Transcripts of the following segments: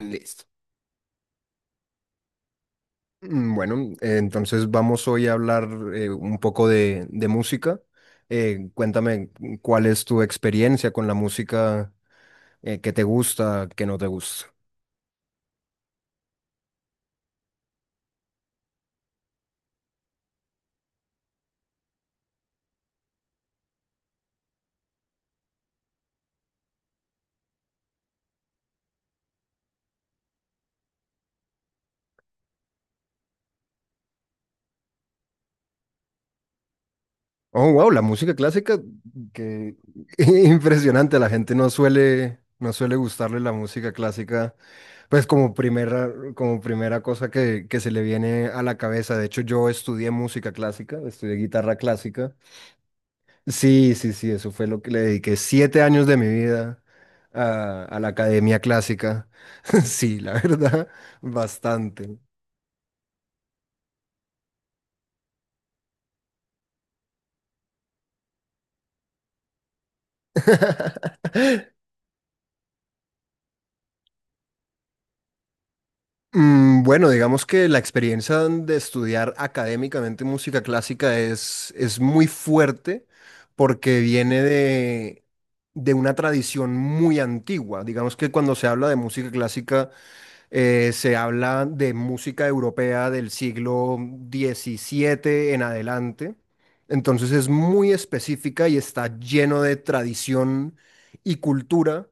Listo. Bueno, entonces vamos hoy a hablar un poco de música. Cuéntame cuál es tu experiencia con la música, que te gusta, que no te gusta. Oh, wow, la música clásica, que impresionante. La gente no suele gustarle la música clásica, pues como primera cosa que se le viene a la cabeza. De hecho, yo estudié música clásica, estudié guitarra clásica. Sí, sí, sí, eso fue lo que le dediqué 7 años de mi vida a la academia clásica. Sí, la verdad, bastante. Bueno, digamos que la experiencia de estudiar académicamente música clásica es muy fuerte porque viene de una tradición muy antigua. Digamos que cuando se habla de música clásica se habla de música europea del siglo 17 en adelante. Entonces es muy específica y está lleno de tradición y cultura,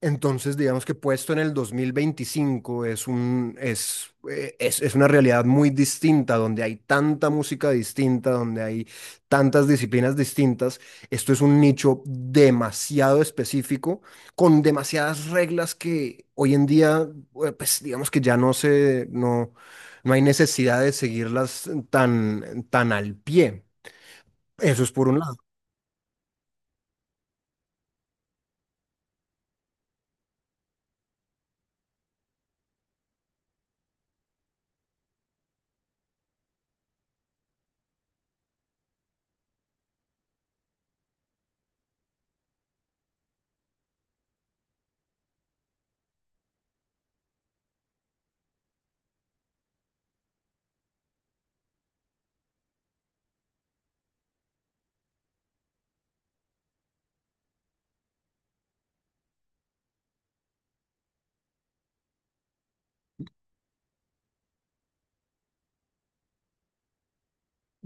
entonces digamos que puesto en el 2025 es un, es una realidad muy distinta, donde hay tanta música distinta, donde hay tantas disciplinas distintas. Esto es un nicho demasiado específico, con demasiadas reglas que hoy en día, pues digamos que ya no se, no, no hay necesidad de seguirlas tan al pie. Eso es por un lado.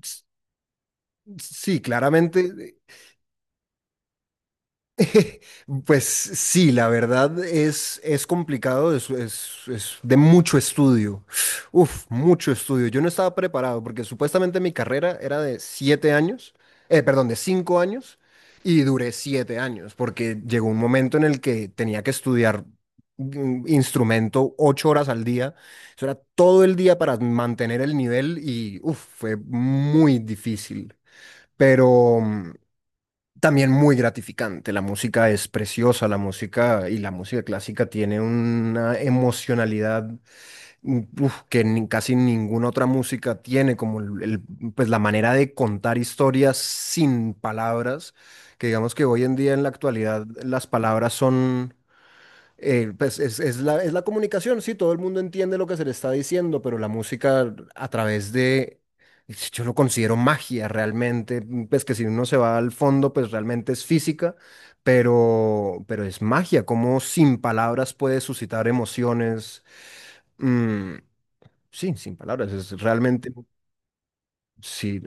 S- Sí, claramente. Pues sí, la verdad es complicado, es de mucho estudio. Uf, mucho estudio. Yo no estaba preparado porque supuestamente mi carrera era de 7 años, perdón, de 5 años, y duré 7 años porque llegó un momento en el que tenía que estudiar instrumento 8 horas al día. Eso era todo el día para mantener el nivel, y uf, fue muy difícil. Pero también muy gratificante. La música es preciosa, la música, y la música clásica tiene una emocionalidad, uf, que casi ninguna otra música tiene, como pues la manera de contar historias sin palabras, que digamos que hoy en día, en la actualidad, las palabras son, pues es es la comunicación, sí, todo el mundo entiende lo que se le está diciendo, pero la música a través de, yo lo considero magia realmente. Pues que si uno se va al fondo, pues realmente es física, pero es magia, como sin palabras puede suscitar emociones. mm, sí, sin palabras, es realmente, sí,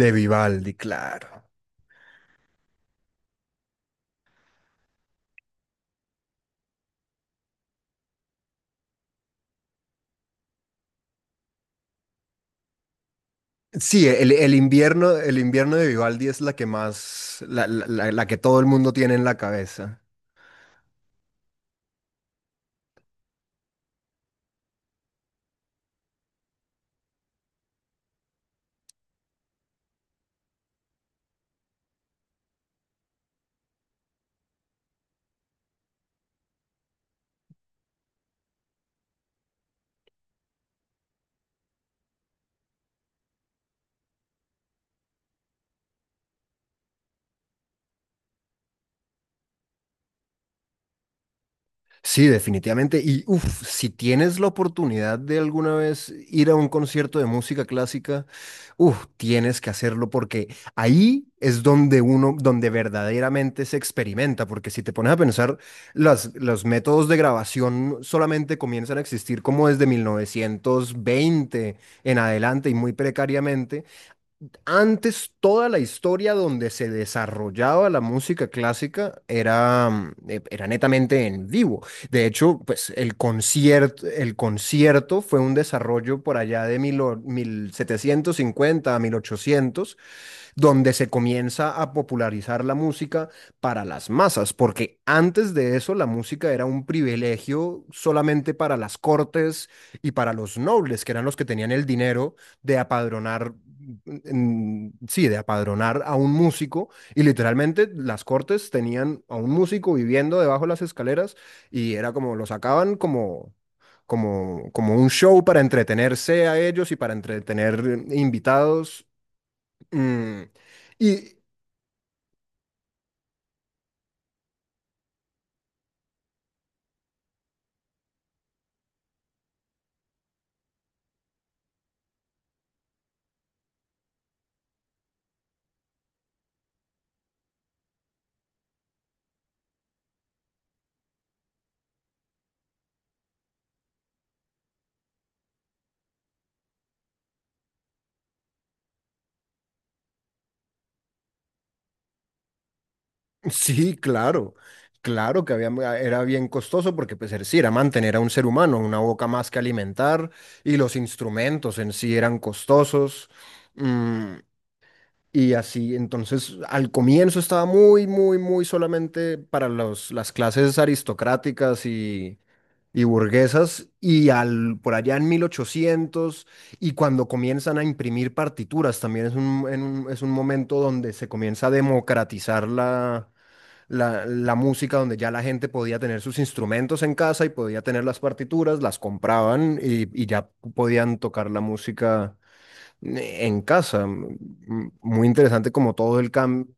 de Vivaldi, claro. Sí, el invierno de Vivaldi es la que más, la que todo el mundo tiene en la cabeza. Sí, definitivamente. Y uff, si tienes la oportunidad de alguna vez ir a un concierto de música clásica, uff, tienes que hacerlo, porque ahí es donde uno, donde verdaderamente se experimenta. Porque si te pones a pensar, los métodos de grabación solamente comienzan a existir como desde 1920 en adelante, y muy precariamente. Antes, toda la historia donde se desarrollaba la música clásica era, era netamente en vivo. De hecho, pues el concierto fue un desarrollo por allá de 1750 a 1800, donde se comienza a popularizar la música para las masas, porque antes de eso la música era un privilegio solamente para las cortes y para los nobles, que eran los que tenían el dinero de apadronar, sí, de apadronar a un músico, y literalmente las cortes tenían a un músico viviendo debajo de las escaleras, y era como lo sacaban, como como un show para entretenerse a ellos y para entretener invitados. Mm, y sí, claro, claro que había, ah, era bien costoso porque pues sí, era mantener a un ser humano, una boca más que alimentar, y los instrumentos en sí eran costosos. Mm, Y así, entonces al comienzo estaba muy, muy, muy solamente para los, las clases aristocráticas y burguesas, y por allá en 1800, y cuando comienzan a imprimir partituras, también es un, es un momento donde se comienza a democratizar la música, donde ya la gente podía tener sus instrumentos en casa y podía tener las partituras, las compraban, y ya podían tocar la música en casa. Muy interesante como todo el cambio.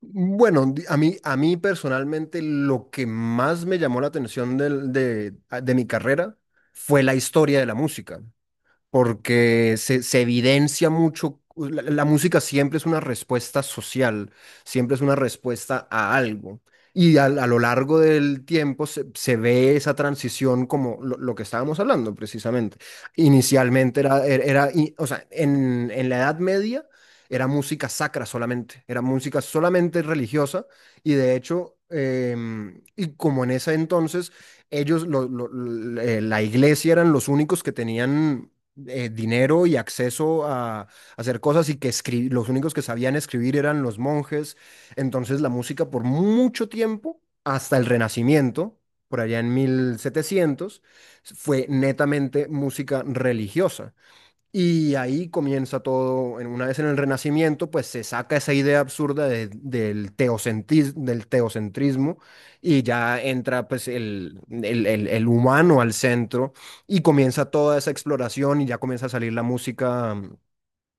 Bueno, a mí personalmente lo que más me llamó la atención de mi carrera fue la historia de la música, porque se evidencia mucho, la música siempre es una respuesta social, siempre es una respuesta a algo. Y lo largo del tiempo se ve esa transición como lo que estábamos hablando precisamente. Inicialmente era, o sea, en la Edad Media era música sacra solamente, era música solamente religiosa. Y de hecho, y como en ese entonces ellos, la iglesia eran los únicos que tenían dinero y acceso a hacer cosas, y que los únicos que sabían escribir eran los monjes. Entonces la música por mucho tiempo, hasta el Renacimiento, por allá en 1700, fue netamente música religiosa. Y ahí comienza todo, una vez en el Renacimiento, pues se saca esa idea absurda del del teocentrismo, y ya entra pues el humano al centro, y comienza toda esa exploración, y ya comienza a salir la música.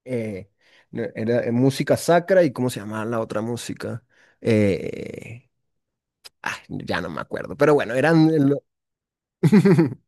eh, no, era, música sacra, y cómo se llamaba la otra música. Eh, ya no me acuerdo, pero bueno, eran...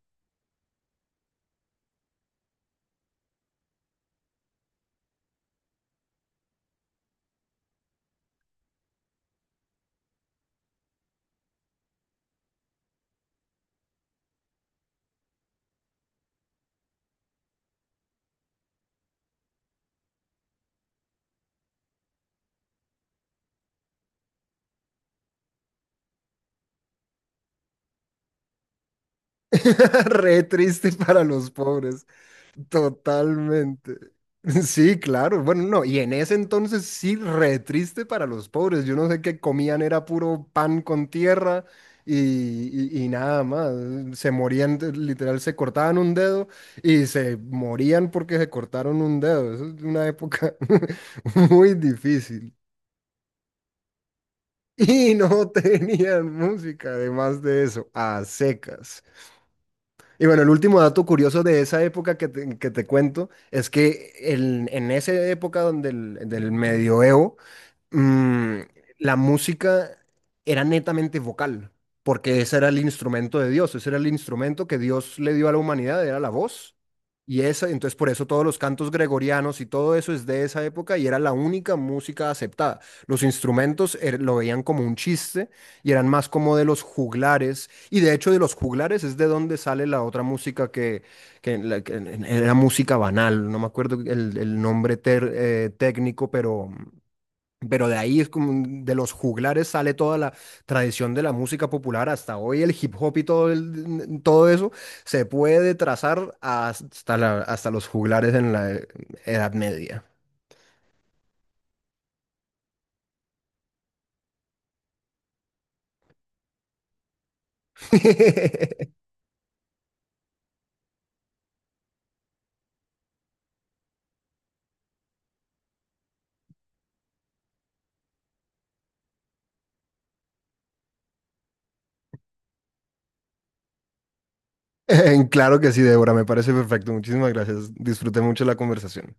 Re triste para los pobres. Totalmente. Sí, claro. Bueno, no, y en ese entonces sí, re triste para los pobres. Yo no sé qué comían, era puro pan con tierra, y, y nada más. Se morían, literal, se cortaban un dedo y se morían porque se cortaron un dedo. Eso es una época muy difícil. Y no tenían música, además de eso, a secas. Y bueno, el último dato curioso de esa época que que te cuento es que en esa época donde del medioevo, mm, la música era netamente vocal, porque ese era el instrumento de Dios, ese era el instrumento que Dios le dio a la humanidad, era la voz. Y esa, entonces por eso todos los cantos gregorianos y todo eso es de esa época, y era la única música aceptada. Los instrumentos lo veían como un chiste, y eran más como de los juglares. Y de hecho, de los juglares es de donde sale la otra música que era música banal. No me acuerdo el nombre técnico, pero... Pero de ahí es como de los juglares sale toda la tradición de la música popular hasta hoy, el hip hop y todo, todo eso se puede trazar hasta, hasta los juglares en la Edad Media. Claro que sí, Débora, me parece perfecto. Muchísimas gracias. Disfruté mucho la conversación.